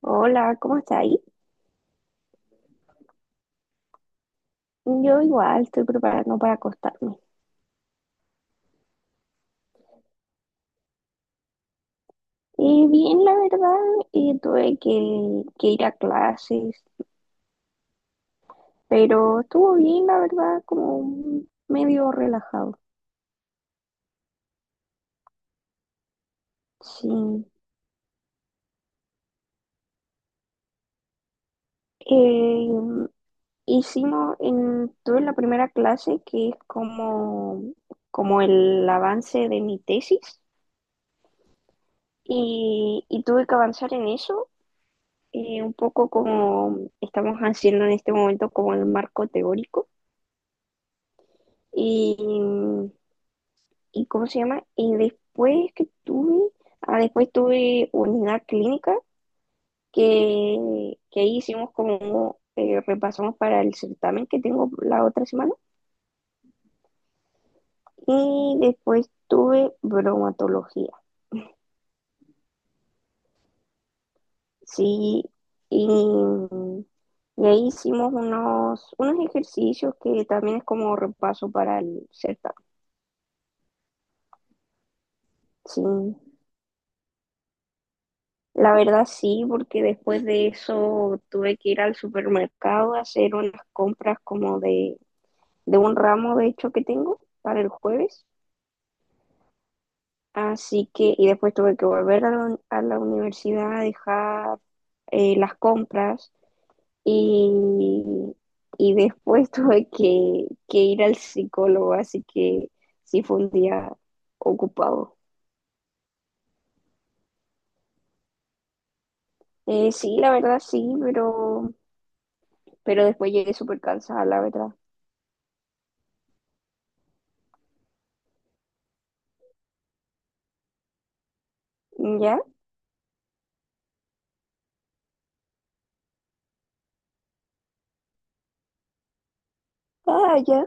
Hola, ¿cómo está ahí? Yo igual estoy preparando para acostarme. Y bien, la verdad, tuve que ir a clases, pero estuvo bien, la verdad, como medio relajado. Sí. Eh, tuve la primera clase que es como, como el avance de mi tesis y tuve que avanzar en eso, un poco como estamos haciendo en este momento como el marco teórico. Y, y ¿cómo se llama? Después tuve unidad clínica que ahí hicimos como, repasamos para el certamen que tengo la otra semana. Y después tuve bromatología, sí, y, y ahí hicimos unos ejercicios que también es como repaso para el certamen, sí. La verdad sí, porque después de eso tuve que ir al supermercado a hacer unas compras como de un ramo de hecho que tengo para el jueves. Así que, y después tuve que volver a la universidad a dejar las compras y, y después tuve que ir al psicólogo, así que sí fue un día ocupado. Sí, la verdad sí, pero después llegué súper cansada, la verdad. ¿Ya? Ah, ya.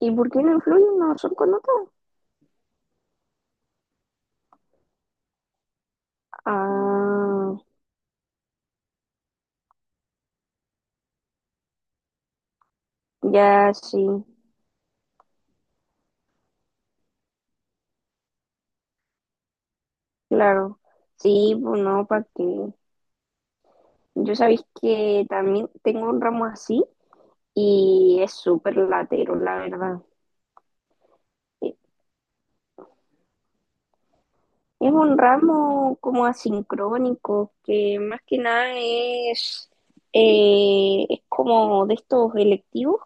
¿Y por qué no influyen una son con otra? Ah, ya sí, claro. Sí, pues no, para que. Yo sabéis que también tengo un ramo así y es súper latero, la verdad. E- Es un ramo como asincrónico, que más que nada es como de estos electivos,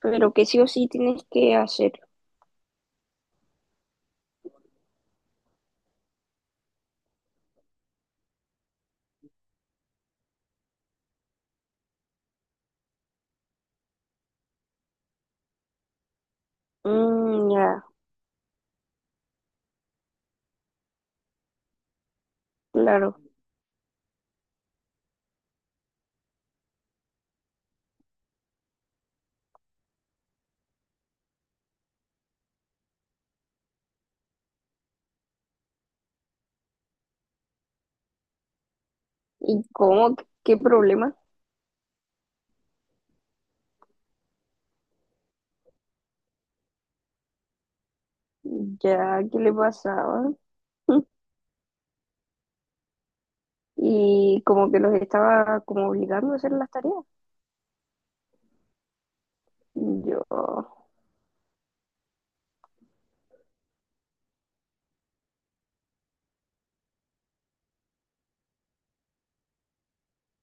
pero que sí o sí tienes que hacer. Mm, ya, claro. ¿Y cómo? ¿Qué problema? Ya, ¿qué le pasaba? Y como que los estaba como obligando a hacer las tareas. Yo,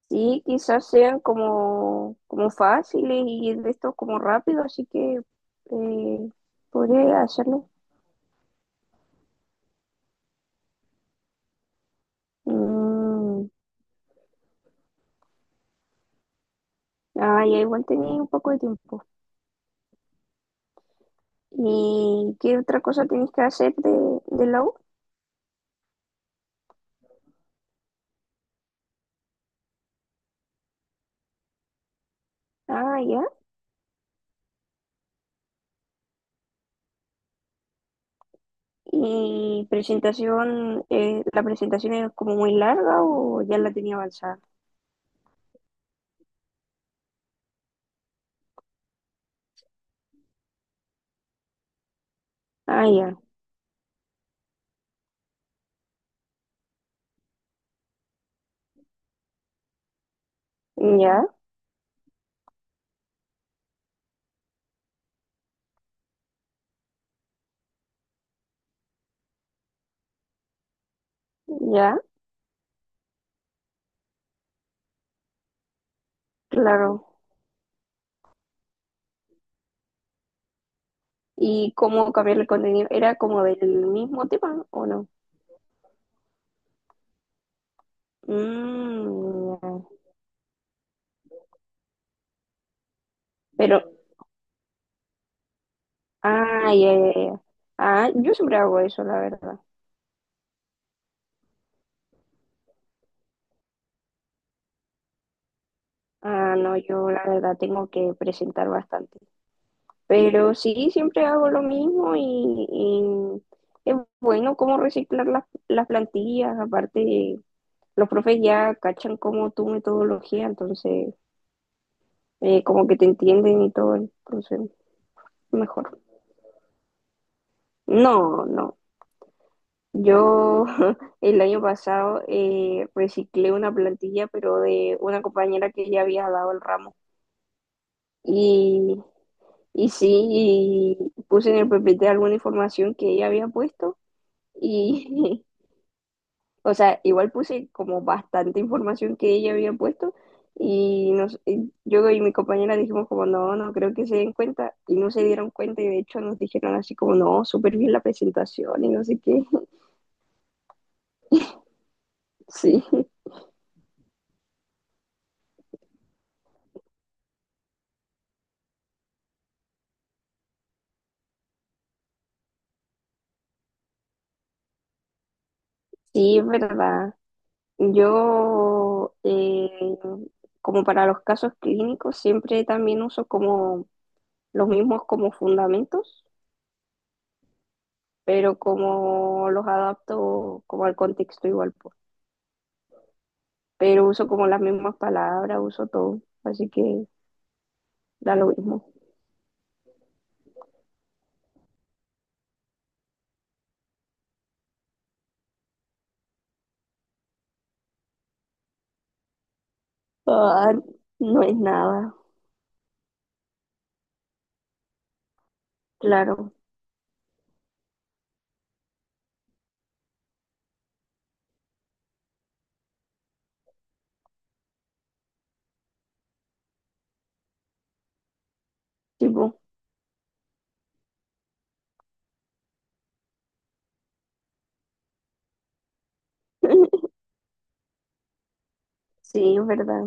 sí, quizás sean como fáciles y de esto como rápido, así que eh, podría hacerlo. Mm, ah, ya igual tenía un poco de tiempo. ¿Y qué otra cosa tenéis que hacer de la U? Ah, ya. ¿Y la presentación es como muy larga o ya la tenía avanzada? Ah, ya. Ya. Ya, claro. ¿Y cómo cambiar el contenido? ¿Era como del mismo tema o no? Mm, ya. Pero, ah, ya, ya, ya. Ah, yo siempre hago eso, la verdad. Ah, no, yo la verdad tengo que presentar bastante. Pero sí, siempre hago lo mismo y es bueno cómo reciclar las plantillas. Aparte, los profes ya cachan como tu metodología, entonces, como que te entienden y todo, entonces, mejor. No, no. Yo el año pasado reciclé una plantilla, pero de una compañera que ya había dado el ramo. Y, y sí, y puse en el PPT alguna información que ella había puesto. Y, o sea, igual puse como bastante información que ella había puesto. Y yo y mi compañera dijimos como, no, no creo que se den cuenta. Y no se dieron cuenta y de hecho nos dijeron así como, no, súper bien la presentación y no sé qué. Sí, sí, es verdad. Yo, eh, Como para los casos clínicos, siempre también uso como los mismos como fundamentos, pero como los adapto como al contexto igual, po. Pero uso como las mismas palabras, uso todo, así que da lo mismo. Ah, no es nada, claro, tipo, sí, es verdad.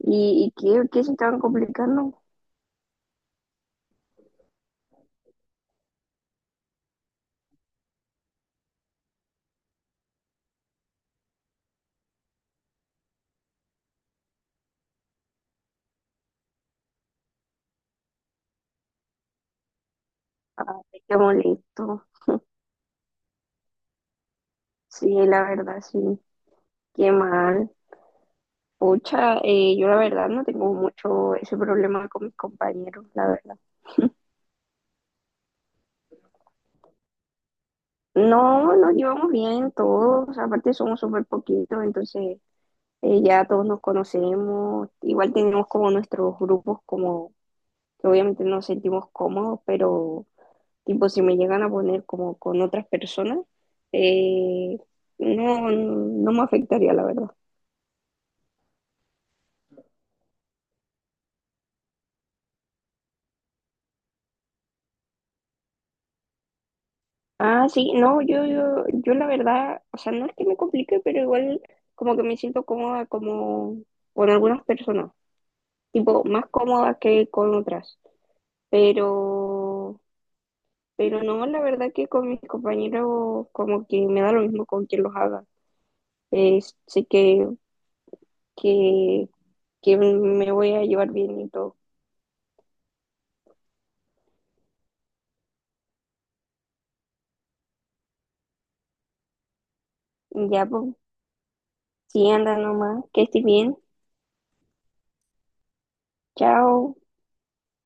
¿Y qué se estaban complicando? Ah, qué molesto, sí, la verdad, sí, qué mal. Pucha, yo la verdad no tengo mucho ese problema con mis compañeros, la verdad. No, nos llevamos bien todos, aparte somos súper poquitos, entonces ya todos nos conocemos, igual tenemos como nuestros grupos como que obviamente nos sentimos cómodos, pero tipo si me llegan a poner como con otras personas, eh, no, no me afectaría, la verdad. Ah, sí, no, yo la verdad, o sea, no es que me complique, pero igual como que me siento cómoda como con algunas personas, tipo, más cómoda que con otras, pero, pero no, la verdad que con mis compañeros como que me da lo mismo con quien los haga, Eh, sé que, que me voy a llevar bien y todo. Ya, pues, sí, anda nomás, que estés bien, chao.